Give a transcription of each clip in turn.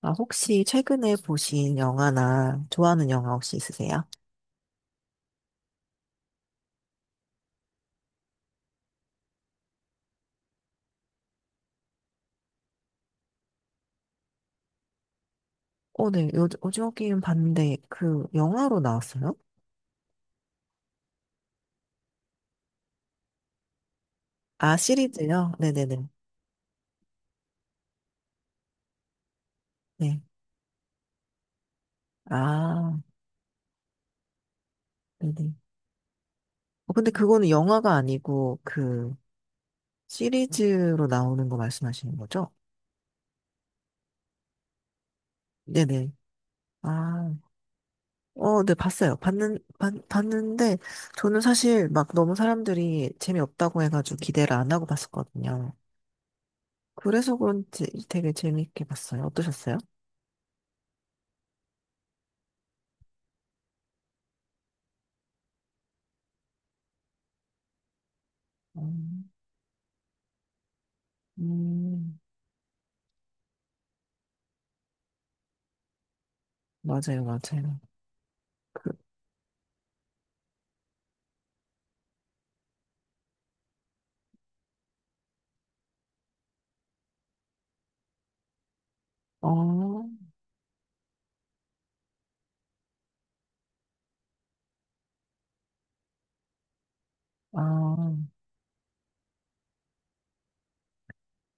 아, 혹시 최근에 보신 영화나 좋아하는 영화 혹시 있으세요? 어, 네. 요, 오징어 게임 봤는데 그 영화로 나왔어요? 아, 시리즈요? 네네네. 네. 아, 네네. 어, 근데 그거는 영화가 아니고 그 시리즈로 나오는 거 말씀하시는 거죠? 네네. 아, 어, 네, 봤어요. 봤는데 저는 사실 막 너무 사람들이 재미없다고 해가지고 기대를 안 하고 봤었거든요. 그래서 그런지 되게 재밌게 봤어요. 어떠셨어요? 음, 맞아요, 맞아요. 그, 어, 아,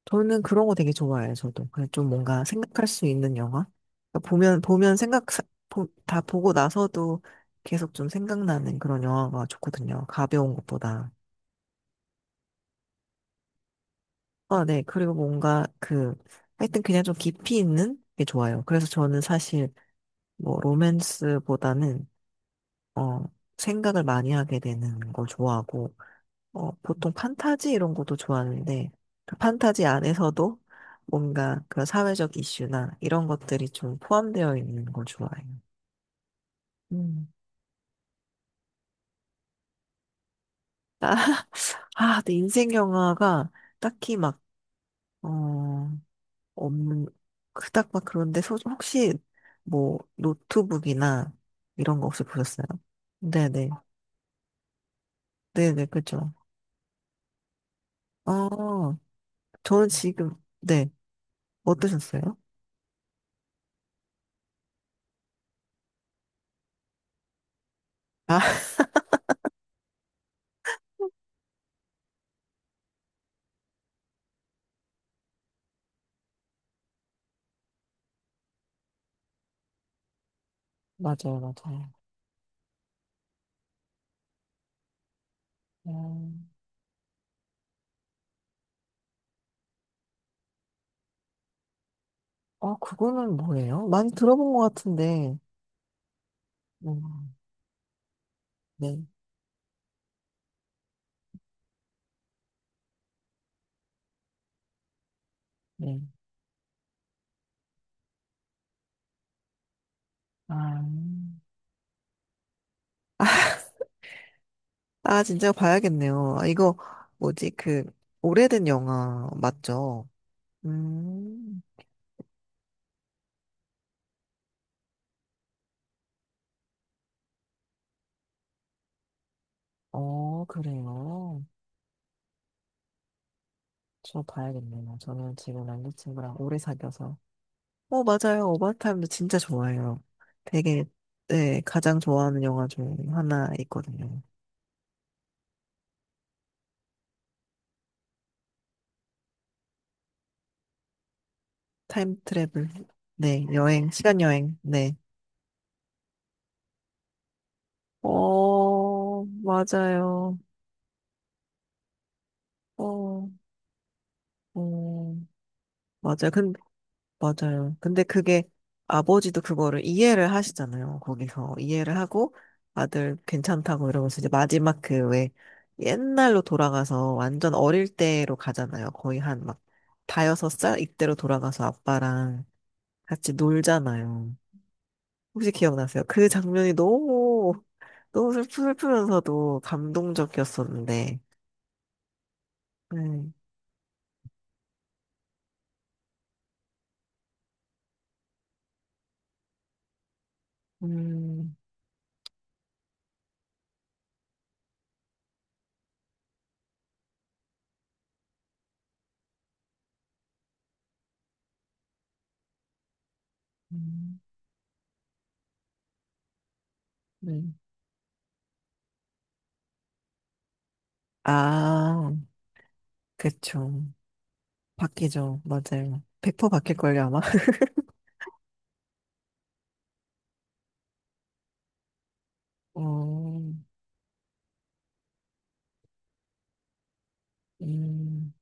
저는 그런 거 되게 좋아해요, 저도. 그냥 좀 뭔가 생각할 수 있는 영화? 그러니까 보면 다 보고 나서도 계속 좀 생각나는 그런 영화가 좋거든요. 가벼운 것보다. 아, 네. 그리고 뭔가 그, 하여튼 그냥 좀 깊이 있는 게 좋아요. 그래서 저는 사실 뭐 로맨스보다는, 어, 생각을 많이 하게 되는 걸 좋아하고, 어, 보통 판타지 이런 것도 좋아하는데, 그 판타지 안에서도 뭔가 그런 사회적 이슈나 이런 것들이 좀 포함되어 있는 걸 좋아해요. 음. 아, 아, 내 인생 영화가 딱히 막, 어, 없는, 그닥 막 그런데, 소, 혹시 뭐, 노트북이나 이런 거 혹시 보셨어요? 네네. 네네, 그죠. 어, 저는 지금, 네. 어떠셨어요? 아, 맞아요, 맞아요. 음. 아, 그거는 뭐예요? 많이 들어본 것 같은데. 음, 네, 네. 아, 아, 진짜 봐야겠네요. 아, 이거, 뭐지, 그, 오래된 영화 맞죠? 음, 어, 그래요. 저 봐야겠네요. 저는 지금 남자친구랑 오래 사귀어서. 어, 맞아요. 오버타임도 진짜 좋아해요. 되게, 네, 가장 좋아하는 영화 중 하나 있거든요. 타임 트래블. 네, 여행, 시간 여행. 네. 어, 맞아요. 어, 어, 맞아요. 근, 맞아요. 근데 그게 아버지도 그거를 이해를 하시잖아요. 거기서 이해를 하고 아들 괜찮다고 이러면서 이제 마지막 그 왜 옛날로 돌아가서 완전 어릴 때로 가잖아요. 거의 한 막 다여섯 살 이때로 돌아가서 아빠랑 같이 놀잖아요. 혹시 기억나세요? 그 장면이 너무, 너무 슬프면서도 감동적이었었는데. 네. 음, 음, 네. 아, 그쵸. 바뀌죠. 맞아요. 100% 바뀔걸요, 아마? 어, 음,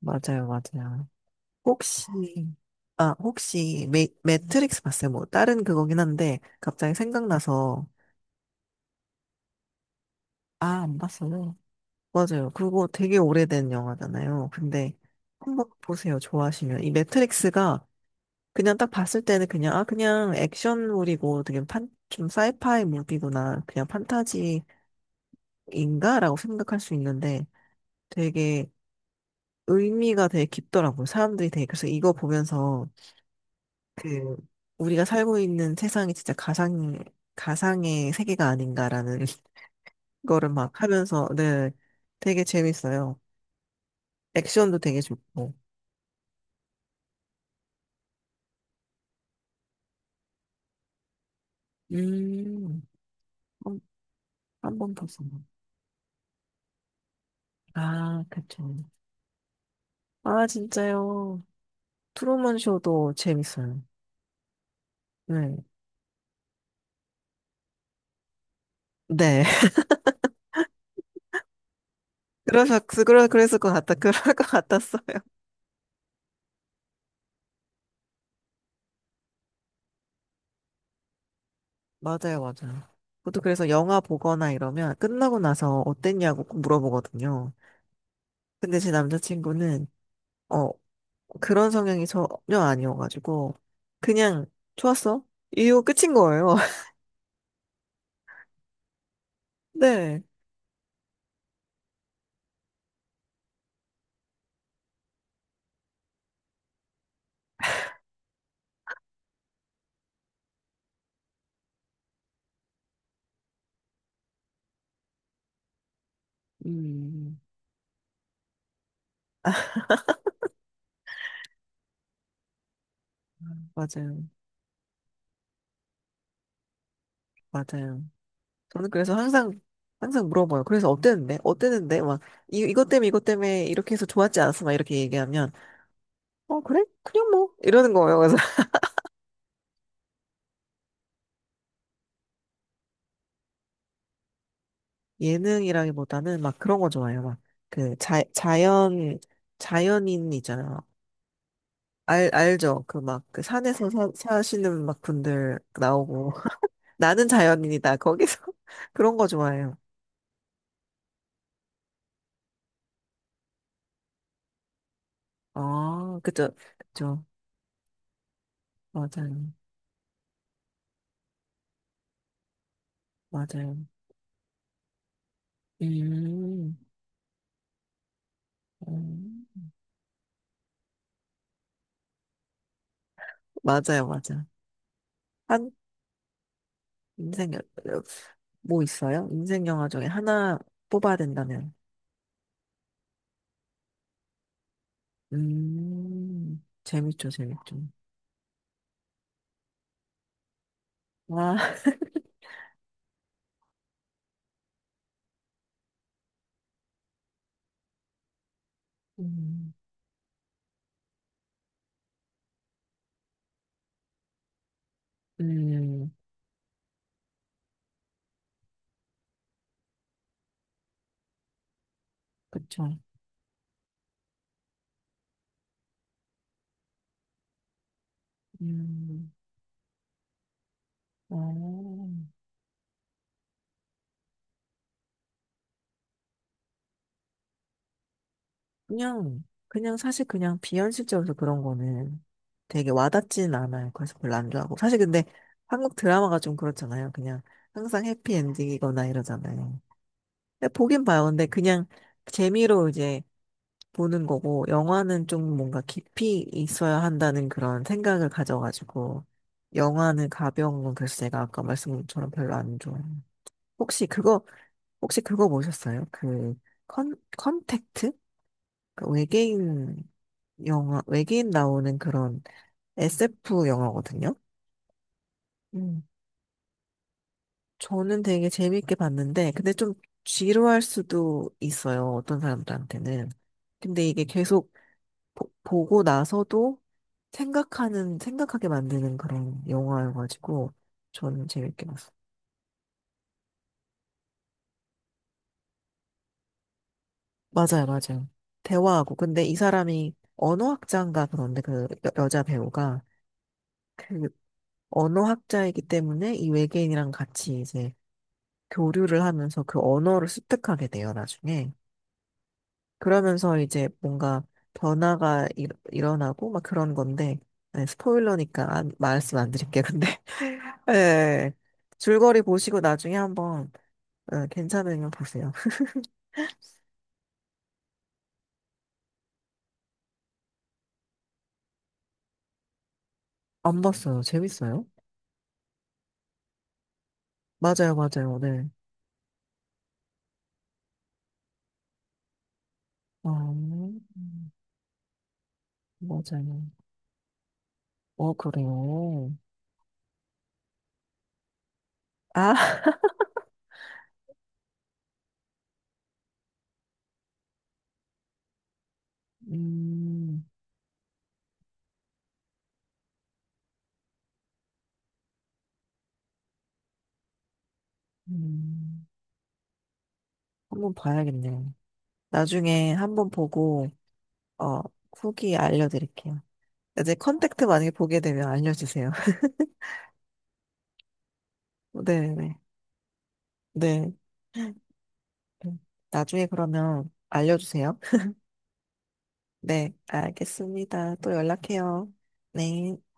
맞아요, 맞아요. 혹시, 아, 혹시, 매, 매트릭스 봤어요? 뭐, 다른 그거긴 한데, 갑자기 생각나서, 아, 안 봤어요. 맞아요. 그거 되게 오래된 영화잖아요. 근데, 한번 보세요. 좋아하시면. 이 매트릭스가, 그냥 딱 봤을 때는 그냥, 아, 그냥 액션물이고, 되게 판, 좀 사이파이 무비구나. 그냥 판타지 인가라고 생각할 수 있는데 되게 의미가 되게 깊더라고요. 사람들이 되게 그래서 이거 보면서 그 우리가 살고 있는 세상이 진짜 가상의 세계가 아닌가라는 거를 막 하면서 네 되게 재밌어요. 액션도 되게 좋고 음 한번 봤어요. 아 그쵸. 아 진짜요. 트루먼 쇼도 재밌어요. 네. 네. 그래서 그러 그랬을 것 같다. 그럴 것 같았어요. 맞아요, 맞아요. 저도 그래서 영화 보거나 이러면 끝나고 나서 어땠냐고 꼭 물어보거든요. 근데 제 남자친구는, 어, 그런 성향이 전혀 아니어가지고, 그냥, 좋았어? 이거 끝인 거예요. 네. 음, 맞아요. 맞아요. 저는 그래서 항상, 항상 물어봐요. 그래서 어땠는데? 어땠는데? 막, 이, 이것 때문에, 이것 때문에, 이렇게 해서 좋았지 않았어? 막 이렇게 얘기하면, 어, 그래? 그냥 뭐, 이러는 거예요. 예능이라기보다는 막 그런 거 좋아해요. 막 그 자, 자연인 있잖아요. 알 알죠? 그 막 그 산에서 사시는 막 분들 나오고 나는 자연인이다. 거기서 그런 거 좋아해요. 아, 그죠. 그죠. 맞아요. 맞아요. 음. 음. 맞아요. 맞아. 한 인생 여- 여- 뭐 있어요? 인생 영화 중에 하나 뽑아야 된다면. 음. 재밌죠. 재밌죠. 와. 음. 음, 그쵸. 음, 어, 그냥, 그냥 사실 그냥 비현실적으로 그런 거는 되게 와닿지는 않아요. 그래서 별로 안 좋아하고. 사실 근데 한국 드라마가 좀 그렇잖아요. 그냥 항상 해피엔딩이거나 이러잖아요. 근데 보긴 봐요. 근데 그냥 재미로 이제 보는 거고, 영화는 좀 뭔가 깊이 있어야 한다는 그런 생각을 가져가지고, 영화는 가벼운 건 그래서 제가 아까 말씀처럼 별로 안 좋아해요. 혹시 그거 혹시 그거 보셨어요? 그 컨택트? 그 외계인 영화, 외계인 나오는 그런 SF 영화거든요. 음. 저는 되게 재밌게 봤는데, 근데 좀 지루할 수도 있어요. 어떤 사람들한테는. 근데 이게 계속 보고 나서도 생각하는, 생각하게 만드는 그런 영화여가지고, 저는 재밌게 봤어요. 맞아요, 맞아요. 대화하고. 근데 이 사람이 언어학자인가 그런데 그 여자 배우가 그 언어학자이기 때문에 이 외계인이랑 같이 이제 교류를 하면서 그 언어를 습득하게 돼요, 나중에. 그러면서 이제 뭔가 변화가 일어나고 막 그런 건데, 네, 스포일러니까 말씀 안 드릴게요, 근데. 네, 줄거리 보시고 나중에 한번 예, 괜찮으면 보세요. 안 봤어요. 재밌어요? 맞아요, 맞아요, 네. 아, 맞아요. 어, 그래요. 아, 음, 음, 한번 봐야겠네요. 나중에 한번 보고, 어, 후기 알려드릴게요. 이제 컨택트 만약에 보게 되면 알려주세요. 네네. 네. 네. 나중에 그러면 알려주세요. 네, 알겠습니다. 또 연락해요. 네.